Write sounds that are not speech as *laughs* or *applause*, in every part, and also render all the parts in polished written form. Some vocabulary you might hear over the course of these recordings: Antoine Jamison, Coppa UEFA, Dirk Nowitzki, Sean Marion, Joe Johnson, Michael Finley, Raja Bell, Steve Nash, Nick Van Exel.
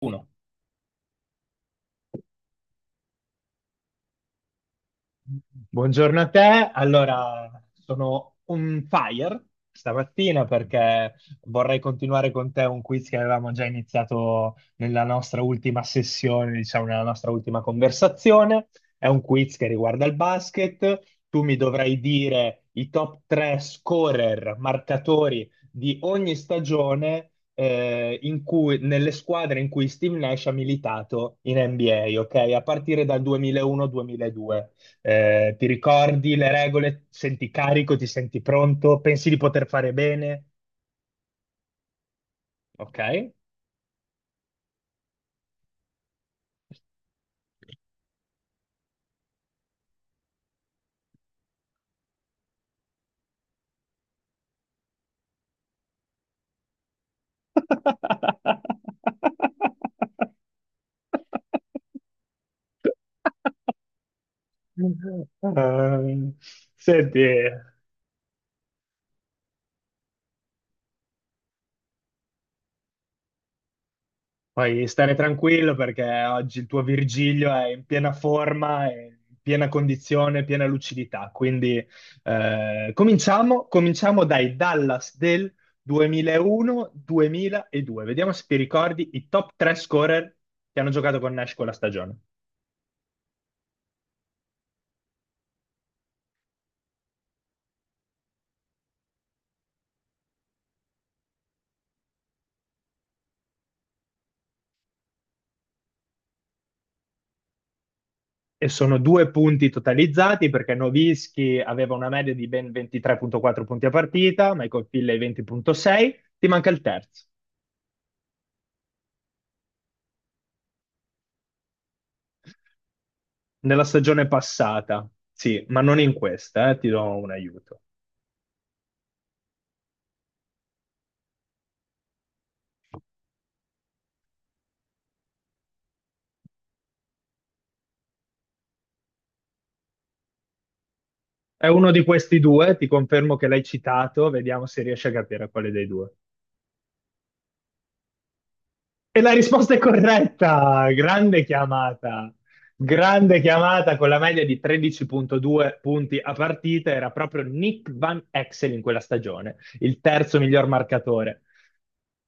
Uno Buongiorno a te. Allora, sono on fire stamattina perché vorrei continuare con te un quiz che avevamo già iniziato nella nostra ultima sessione, diciamo, nella nostra ultima conversazione. È un quiz che riguarda il basket. Tu mi dovrai dire i top 3 scorer, marcatori di ogni stagione nelle squadre in cui Steve Nash ha militato in NBA, ok? A partire dal 2001-2002. Ti ricordi le regole, senti carico, ti senti pronto, pensi di poter fare bene, ok? *laughs* Ehm, Senti, puoi stare tranquillo perché oggi il tuo Virgilio è in piena forma, è in piena condizione, piena lucidità. Quindi cominciamo dai Dallas del 2001-2002. Vediamo se ti ricordi i top 3 scorer che hanno giocato con Nash quella stagione. E sono due punti totalizzati perché Nowitzki aveva una media di ben 23,4 punti a partita, Michael Finley 20,6. Ti manca il terzo. Nella stagione passata sì, ma non in questa, ti do un aiuto. È uno di questi due, ti confermo che l'hai citato, vediamo se riesci a capire quale dei due. E la risposta è corretta! Grande chiamata! Grande chiamata con la media di 13,2 punti a partita, era proprio Nick Van Exel in quella stagione, il terzo miglior marcatore.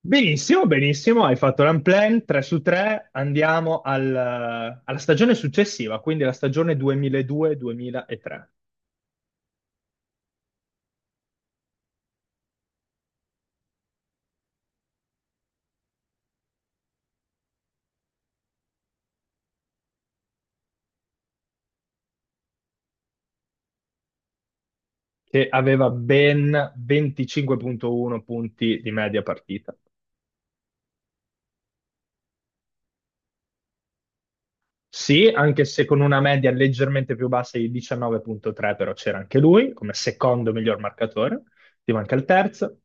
Benissimo, benissimo, hai fatto l'unplanned 3 su 3, alla stagione successiva, quindi la stagione 2002-2003, che aveva ben 25,1 punti di media partita. Sì, anche se con una media leggermente più bassa di 19,3, però c'era anche lui come secondo miglior marcatore, ti manca il terzo.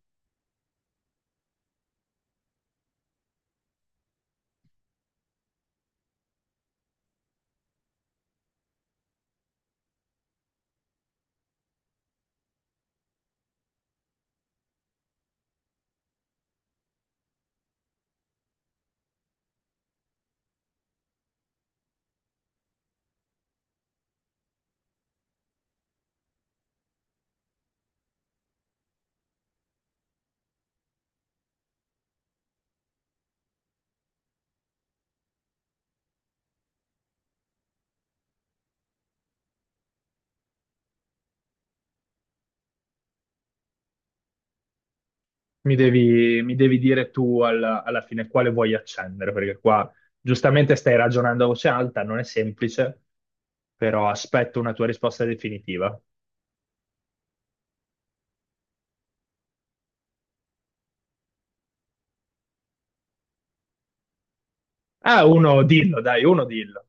Mi devi dire tu alla fine quale vuoi accendere, perché qua giustamente stai ragionando a voce alta, non è semplice, però aspetto una tua risposta definitiva. Ah, uno dillo, dai, uno dillo.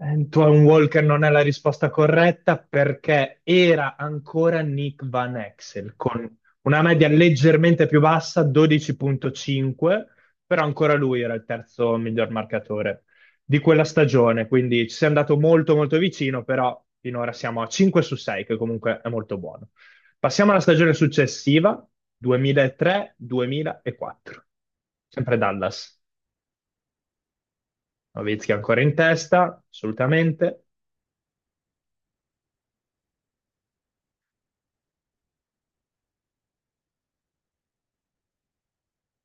Antoine Walker non è la risposta corretta perché era ancora Nick Van Exel con una media leggermente più bassa, 12,5, però ancora lui era il terzo miglior marcatore di quella stagione, quindi ci sei andato molto molto vicino, però finora siamo a 5 su 6, che comunque è molto buono. Passiamo alla stagione successiva, 2003-2004, sempre Dallas. Nowitzki ancora in testa, assolutamente.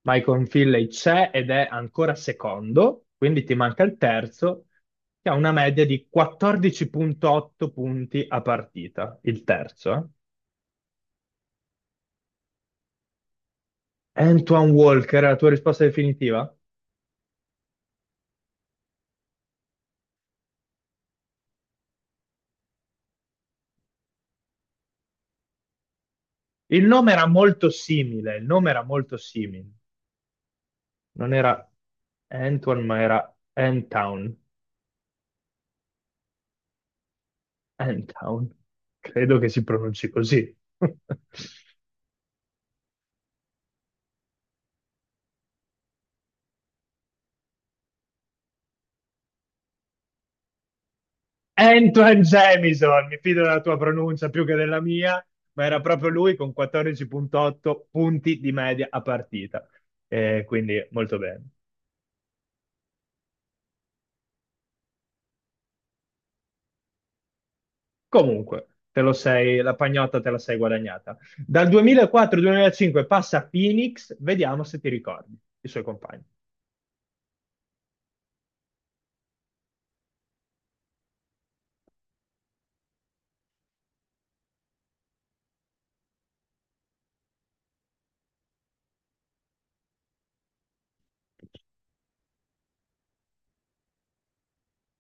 Michael Finley c'è ed è ancora secondo, quindi ti manca il terzo, che ha una media di 14,8 punti a partita, il terzo. Antoine Walker, è la tua risposta definitiva? Il nome era molto simile, il nome era molto simile. Non era Antoine, ma era Antown. Antown. Credo che si pronunci così. *laughs* Antoine Jamison, mi fido della tua pronuncia più che della mia, ma era proprio lui con 14,8 punti di media a partita. Quindi molto bene. Comunque, te lo sei, la pagnotta te la sei guadagnata. Dal 2004-2005 passa a Phoenix, vediamo se ti ricordi i suoi compagni.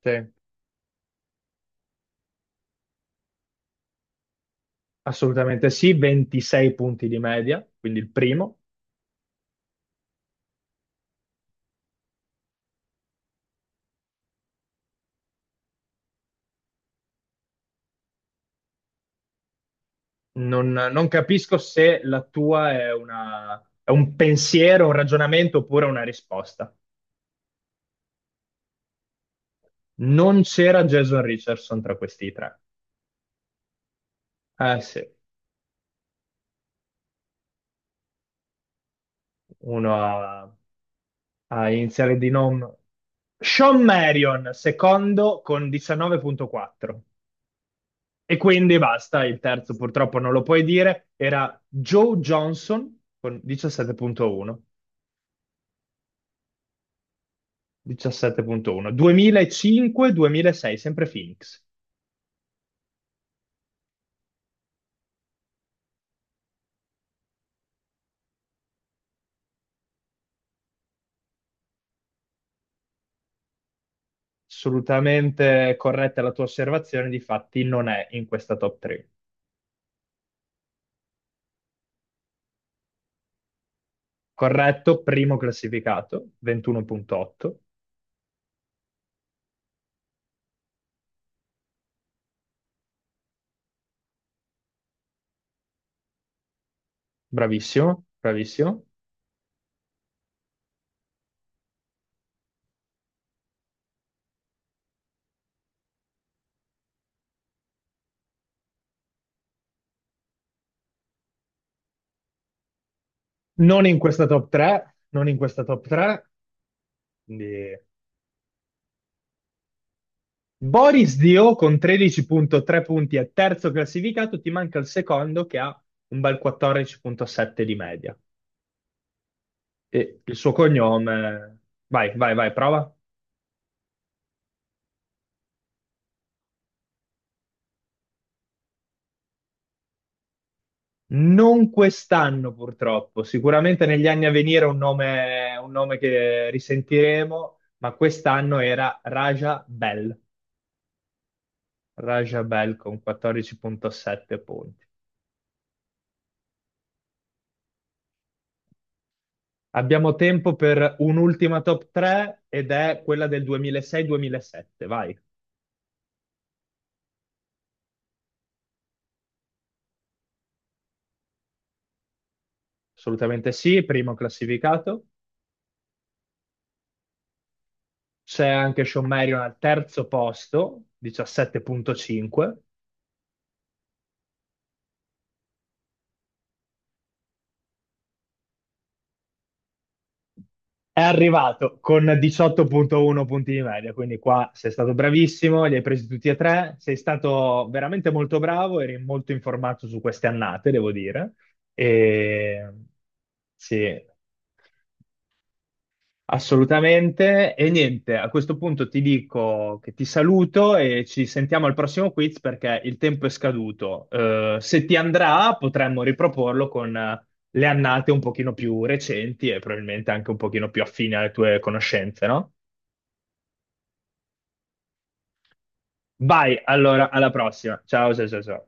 Sì. Assolutamente sì, 26 punti di media, quindi il primo. Non capisco se la tua è è un pensiero, un ragionamento oppure una risposta. Non c'era Jason Richardson tra questi tre. Eh sì, uno a iniziale di nome. Sean Marion, secondo con 19,4. E quindi basta, il terzo purtroppo non lo puoi dire. Era Joe Johnson con 17,1. 17,1. 2005-2006, sempre Phoenix. Assolutamente corretta la tua osservazione, difatti non è in questa top 3. Corretto, primo classificato, 21,8. Bravissimo, bravissimo. Non in questa top 3, non in questa top 3. Quindi. Boris Dio con 13,3 punti è terzo classificato, ti manca il secondo che ha un bel 14,7 di media. E il suo cognome. Vai, vai, vai, prova. Non quest'anno purtroppo, sicuramente negli anni a venire è un nome che risentiremo, ma quest'anno era Raja Bell. Raja Bell con 14,7 punti. Abbiamo tempo per un'ultima top 3 ed è quella del 2006-2007. Vai. Assolutamente sì, primo classificato. C'è anche Sean Marion al terzo posto, 17,5. È arrivato con 18,1 punti di media, quindi qua sei stato bravissimo, li hai presi tutti e tre. Sei stato veramente molto bravo, eri molto informato su queste annate, devo dire. E. Sì. Assolutamente. E niente, a questo punto ti dico che ti saluto e ci sentiamo al prossimo quiz perché il tempo è scaduto. Se ti andrà, potremmo riproporlo con le annate un pochino più recenti e probabilmente anche un pochino più affine alle tue conoscenze, no? Vai, allora, alla prossima. Ciao, ciao, ciao. Ciao.